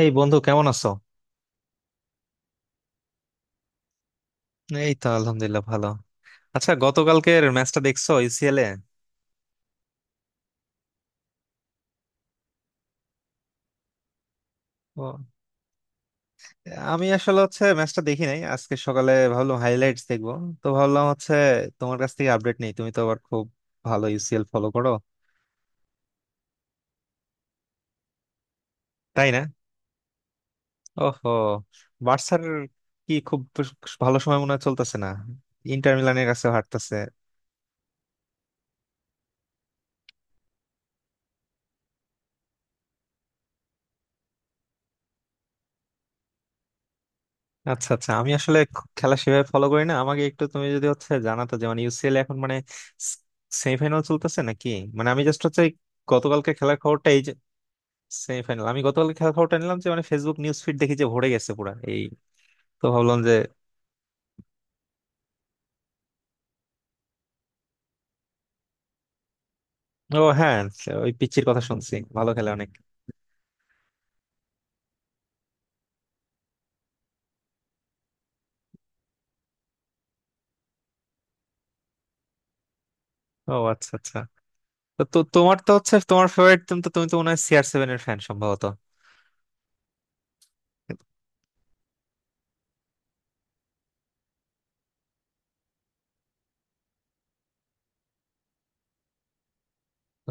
এই বন্ধু কেমন আছো? এই তো আলহামদুলিল্লাহ ভালো। আচ্ছা, গতকালকের ম্যাচটা দেখছো ইউসিএল এ? ও, আমি আসলে ম্যাচটা দেখি নাই। আজকে সকালে ভাবলাম হাইলাইটস দেখবো। তো ভাবলাম তোমার কাছ থেকে আপডেট নেই, তুমি তো আবার খুব ভালো ইউসিএল ফলো করো। তাই না? ওহো, বার্সার কি খুব ভালো সময় মনে হয় চলতেছে না, ইন্টার মিলানের কাছে হারতেছে। আচ্ছা আচ্ছা, আমি আসলে খেলা সেভাবে ফলো করি না। আমাকে একটু তুমি যদি জানাতো যে মানে ইউসিএল এখন মানে সেমিফাইনাল চলতেছে নাকি? মানে আমি জাস্ট এই গতকালকে খেলার খবরটা এই যে সেমিফাইনাল, আমি গতকালকে খেলার খবরটা নিলাম যে মানে ফেসবুক নিউজ ফিড দেখি যে ভরে গেছে পুরা এই। তো ভাবলাম যে ও হ্যাঁ, ওই পিচ্চির কথা শুনছি, ভালো খেলে অনেক। ও আচ্ছা আচ্ছা। তো তো তোমার তো তোমার ফেভারিট টিম, তো তুমি তো মনে হয় সিআর সেভেন এর ফ্যান সম্ভবত।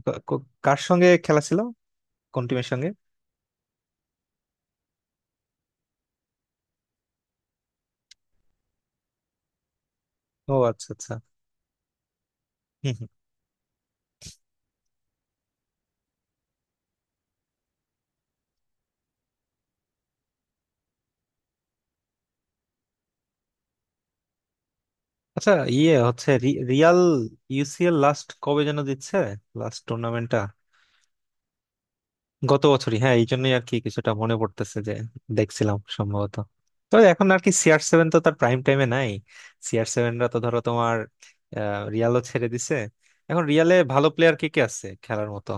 কার সঙ্গে খেলা ছিল? কোন টিমের সঙ্গে? ও আচ্ছা আচ্ছা। আচ্ছা ইয়ে হচ্ছে রিয়াল ইউসিএল লাস্ট কবে যেন দিচ্ছে, লাস্ট টুর্নামেন্টটা? গত বছরই, হ্যাঁ, এই জন্যই আর কি কিছুটা মনে পড়তেছে যে দেখছিলাম সম্ভবত। তো এখন আর কি সিআর সেভেন তো তার প্রাইম টাইমে নাই। সিআর সেভেনরা তো ধরো তোমার রিয়ালও ছেড়ে দিছে। এখন রিয়ালে ভালো প্লেয়ার কে কে আছে খেলার মতো?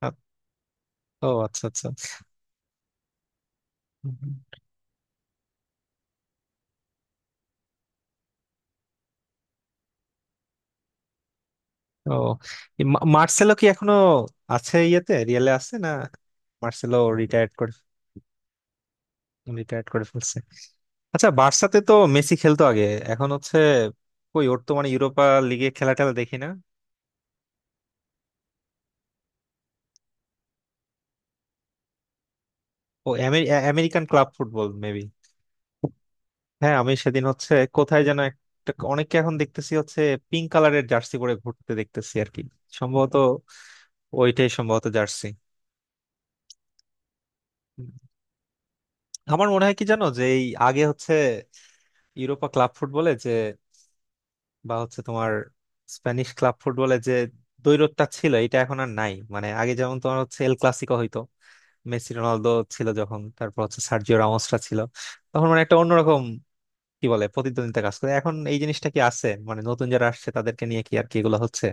আ- ও আচ্ছা আচ্ছা। হুম। ও এই মার্সেলো কি এখনো আছে ইয়েতে, রিয়ালে আছে না? মার্সেলো রিটায়ার্ড, রিটায়ার্ড করে ফেলছে? আচ্ছা, বার্সাতে তো মেসি খেলতো আগে, এখন হচ্ছে কই? ওর তো মানে ইউরোপা লিগে খেলা টেলা দেখি না। ও আমেরিকান ক্লাব ফুটবল মেবি। হ্যাঁ, আমি সেদিন কোথায় যেন একটা অনেককে এখন দেখতেছি পিঙ্ক কালারের জার্সি পরে ঘুরতে দেখতেছি আর কি, সম্ভবত ওইটাই সম্ভবত জার্সি। আমার মনে হয় কি জানো, যে এই আগে ইউরোপা ক্লাব ফুটবলে যে বা তোমার স্প্যানিশ ক্লাব ফুটবলে যে দ্বৈরথটা ছিল এটা এখন আর নাই। মানে আগে যেমন তোমার এল ক্লাসিকো হইতো, মেসি রোনালদো ছিল যখন, তারপর সার্জিও রামোসরা ছিল তখন, মানে একটা অন্যরকম কি বলে প্রতিদ্বন্দ্বিতা কাজ করে, এখন এই জিনিসটা কি আছে মানে নতুন যারা আসছে তাদেরকে নিয়ে কি আর কি এগুলো হচ্ছে?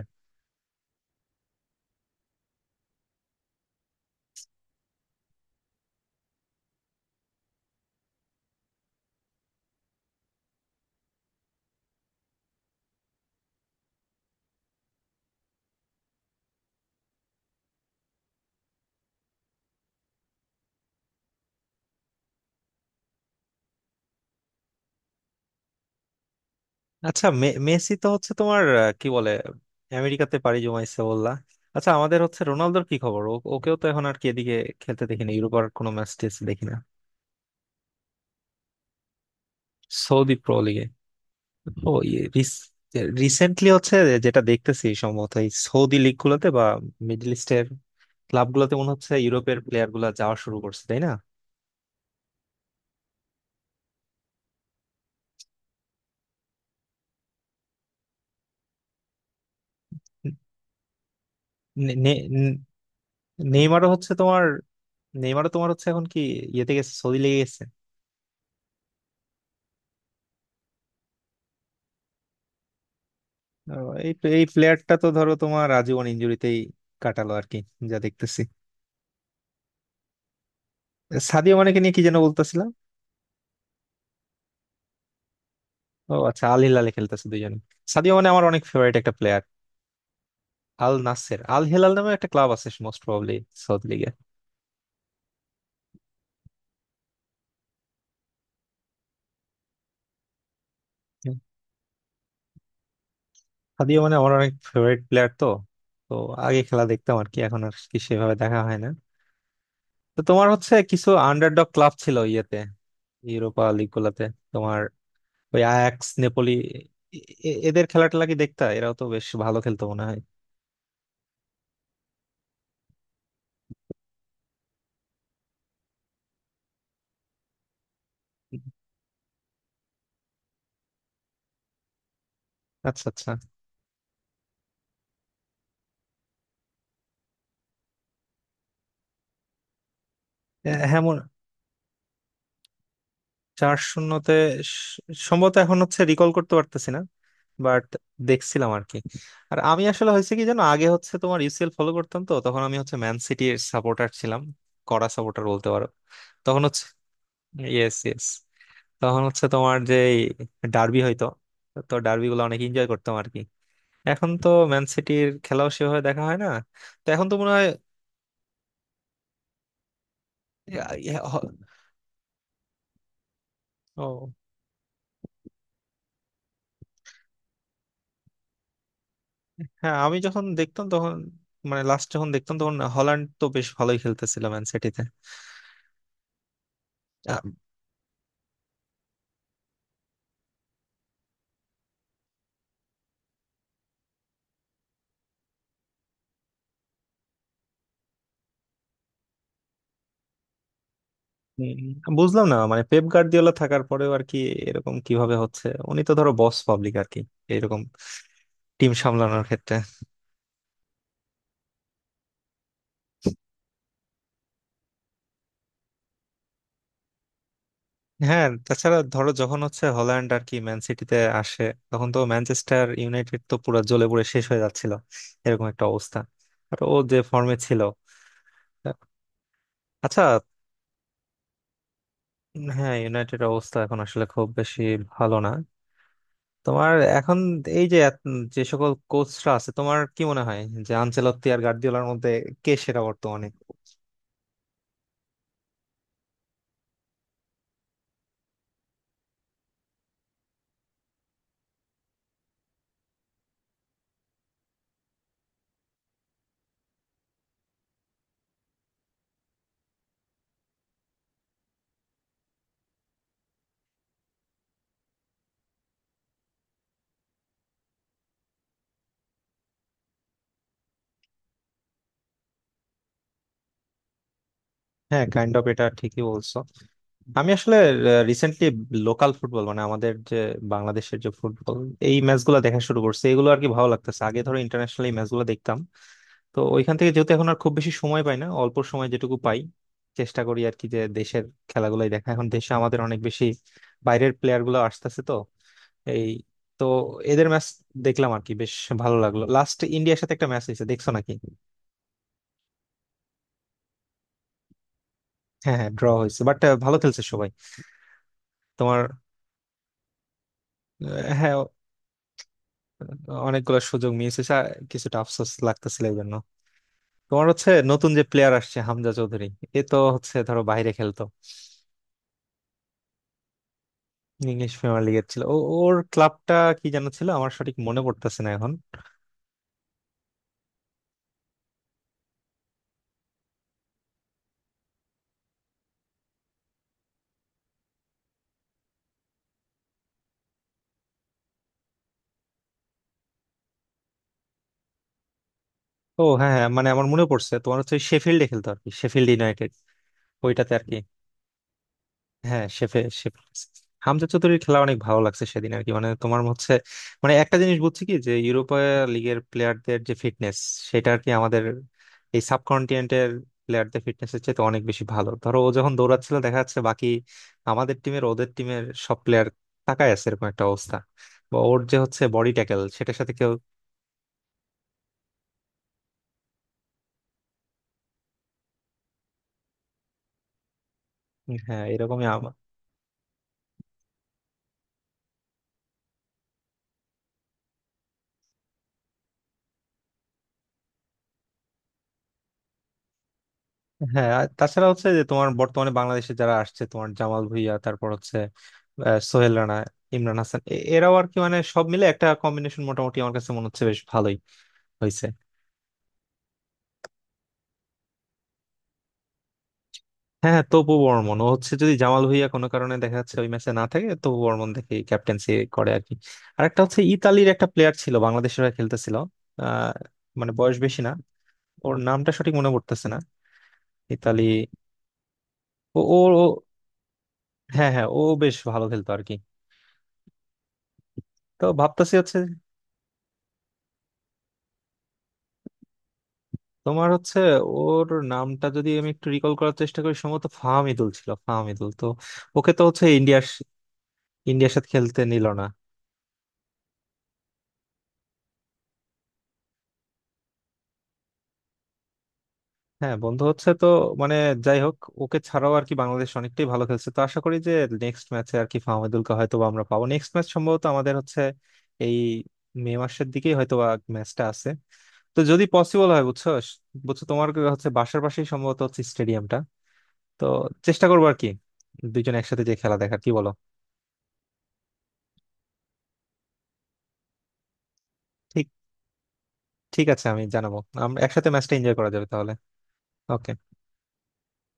আচ্ছা, মেসি তো তোমার কি বলে আমেরিকাতে পাড়ি জমাইছে বললা। আচ্ছা, আমাদের রোনালদোর কি খবর? ওকেও তো এখন আর কি এদিকে খেলতে দেখিনি, ইউরোপার কোনো ম্যাচ দেখি না। সৌদি প্রো লিগে? ও, রিসেন্টলি যেটা দেখতেছি সম্ভবত এই সৌদি লিগ গুলোতে বা মিডল ইস্টের ক্লাব গুলোতে মনে হচ্ছে ইউরোপের প্লেয়ার গুলা যাওয়া শুরু করছে, তাই না? নে- নে- নে- নেইমারও তোমার, নেইমারও তোমার এখন কি ইয়েতে গেছে, সৌদি লেগে গেছে। এই এই প্লেয়ারটা তো ধরো তোমার আজীবন ইনজুরিতেই কাটালো আর কি, যা দেখতেছি। সাদিও মানেকে নিয়ে কি যেন বলতেছিলাম। ও আচ্ছা, আল হিলালে খেলতেছে দুইজনে? সাদিও মানে আমার অনেক ফেভারিট একটা player. Al Nassr Al Hilal নামে একটা ক্লাব আছে মোস্ট প্রবাবলি সৌদি লিগে। সাদিও মানে আমার অনেক ফেভারিট প্লেয়ার তো, তো আগে খেলা দেখতাম আর কি, এখন আর কি সেভাবে দেখা হয় না। তো তোমার কিছু আন্ডারডগ ক্লাব ছিল ইয়েতে ইউরোপা লিগ গুলাতে, তোমার ওই আয়াক্স নেপোলি, এ- এদের খেলা টেলা কি দেখতা? এরাও তো বেশ ভালো খেলতো মনে হয়। আচ্ছা আচ্ছা। এ, হ্যাঁ চার শূন্যতে? স- সম্ভবত, এখন রিকল করতে পারতেছি না, বাট দেখছিলাম আর কি। আর আমি আসলে হয়েছে কি জানো, আগে তোমার ইউসিএল ফলো করতাম, তো তখন আমি ম্যান সিটির সাপোর্টার ছিলাম, কড়া সাপোর্টার বলতে পারো। তখন হচ্ছে, ইয়েস ইয়েস, তখন তোমার যে ডার্বি হইতো, তো ডার্বি গুলো অনেক এনজয় করতাম আর কি। এখন তো ম্যান সিটির খেলাও সেভাবে দেখা হয় না। তো এখন তো মনে হয় ইয়া- ইয়া হ- ও হ্যাঁ, আমি যখন দেখতাম তখন মানে লাস্ট যখন দেখতাম তখন হল্যান্ড তো বেশ ভালোই খেলতেছিল ম্যান সিটিতে। হুম, বুঝলাম না মানে পেপ গার্দিওলা থাকার পরেও আর কি এরকম কিভাবে হচ্ছে। উনি তো ধরো বস পাবলিক আর কি এরকম টিম সামলানোর ক্ষেত্রে। হ্যাঁ, তাছাড়া ধরো যখন হল্যান্ড আর কি ম্যান সিটিতে আসে, তখন তো ম্যানচেস্টার ইউনাইটেড তো পুরো জ্বলে পুড়ে শেষ হয়ে যাচ্ছিল এরকম একটা অবস্থা, আর ও যে ফর্মে ছিল। আচ্ছা। উম, হ্যাঁ ইউনাইটেড অবস্থা এখন আসলে খুব বেশি ভালো না। তোমার এখন এই যে যে সকল কোচরা আছে, তোমার কি মনে হয় যে আনচেলত্তি আর গার্দিওলার মধ্যে কে সেরা বর্তমানে? হ্যাঁ, কাইন্ড অফ এটা ঠিকই বলছো। আমি আসলে রিসেন্টলি লোকাল ফুটবল মানে আমাদের যে বাংলাদেশের যে ফুটবল, এই ম্যাচগুলো দেখা শুরু করছে, এগুলো আর কি ভালো লাগতেছে। আগে ধরো ইন্টারন্যাশনাল এই ম্যাচগুলো দেখতাম, তো ওইখান থেকে যেহেতু এখন আর খুব বেশি সময় পাই না, অল্প সময় যেটুকু পাই চেষ্টা করি আর কি যে দেশের খেলাগুলোই দেখা। এখন দেশে আমাদের অনেক বেশি বাইরের প্লেয়ার গুলো আসতেছে, তো এই তো এদের ম্যাচ দেখলাম আর কি, বেশ ভালো লাগলো। লাস্ট ইন্ডিয়ার সাথে একটা ম্যাচ হয়েছে, দেখছো নাকি? হ্যাঁ হ্যাঁ, ড্র হয়েছে, বাট ভালো খেলছে সবাই। তোমার হ্যাঁ, অনেকগুলো সুযোগ মিস হয়েছে, আর কিছুটা আফসোস লাগতেছিল এই জন্য। তোমার নতুন যে প্লেয়ার আসছে হামজা চৌধুরী, এ তো ধরো বাইরে খেলতো, ইংলিশ প্রিমিয়ার লিগের ছিল ও। ওর ক্লাবটা কি জানো ছিল? আমার সঠিক মনে পড়তেছে না এখন। ও হ্যাঁ হ্যাঁ, মানে আমার মনে পড়ছে তোমার শেফিল্ডে খেলতো আর কি, শেফিল্ড ইউনাইটেড ওইটাতে আর কি। হ্যাঁ, শেফ। হামজা চৌধুরীর খেলা অনেক ভালো লাগছে সেদিন আর কি, মানে তোমার হচ্ছে, মানে একটা জিনিস বুঝছি কি, যে ইউরোপা লিগের প্লেয়ারদের যে ফিটনেস, সেটা আর কি আমাদের এই সাবকন্টিনেন্টের প্লেয়ারদের ফিটনেস এর চেয়ে অনেক বেশি ভালো। ধরো ও যখন দৌড়াচ্ছিল দেখা যাচ্ছে বাকি আমাদের টিমের ওদের টিমের সব প্লেয়ার তাকায় আছে এরকম একটা অবস্থা, বা ওর যে বডি ট্যাকেল সেটার সাথে কেউ। হ্যাঁ, এরকমই। হ্যাঁ আর তাছাড়া যে তোমার বর্তমানে বাংলাদেশে যারা আসছে, তোমার জামাল ভুঁইয়া, তারপর সোহেল রানা, ইমরান হাসান, এরাও আর কি মানে সব মিলে একটা কম্বিনেশন মোটামুটি আমার কাছে মনে হচ্ছে বেশ ভালোই হয়েছে। হ্যাঁ হ্যাঁ, তপু বর্মন, ও হচ্ছে যদি জামাল ভুঁইয়া কোনো কারণে দেখা যাচ্ছে ওই ম্যাচে না থাকে, তপু বর্মন দেখে ক্যাপ্টেন্সি করে আর কি। আর একটা হচ্ছে ইতালির একটা প্লেয়ার ছিল বাংলাদেশের হয়ে খেলতেছিল, আহ মানে বয়স বেশি না, ওর নামটা সঠিক মনে পড়তেছে না। ইতালি ও ও ও- হ্যাঁ হ্যাঁ, ও বেশ ভালো খেলতো আর কি। তো ভাবতেছি হচ্ছে, তোমার হচ্ছে, ওর নামটা যদি আমি একটু রিকল করার চেষ্টা করি সম্ভবত ফাহামিদুল ছিল, ফাহামিদুল তো। ওকে তো হচ্ছে ইন্ডিয়ার ইন্ডিয়ার সাথে খেলতে নিল না। হ্যাঁ, বন্ধু হচ্ছে তো, মানে যাই হোক, ওকে ছাড়াও আর কি বাংলাদেশ অনেকটাই ভালো খেলছে, তো আশা করি যে নেক্সট ম্যাচে আর কি ফাহামিদুলকে হয়তো বা আমরা পাবো। নেক্সট ম্যাচ সম্ভবত আমাদের এই মে মাসের দিকেই হয়তো বা ম্যাচটা আছে। তো যদি পসিবল হয়, বুঝছো বুঝছো তোমার বাসার পাশেই সম্ভবত স্টেডিয়ামটা, তো চেষ্টা করবো আর কি, দুইজন একসাথে যে খেলা দেখার, কি বলো? ঠিক ঠিক আছে, আমি জানাবো, আমরা একসাথে ম্যাচটা এনজয় করা যাবে তাহলে। ওকে।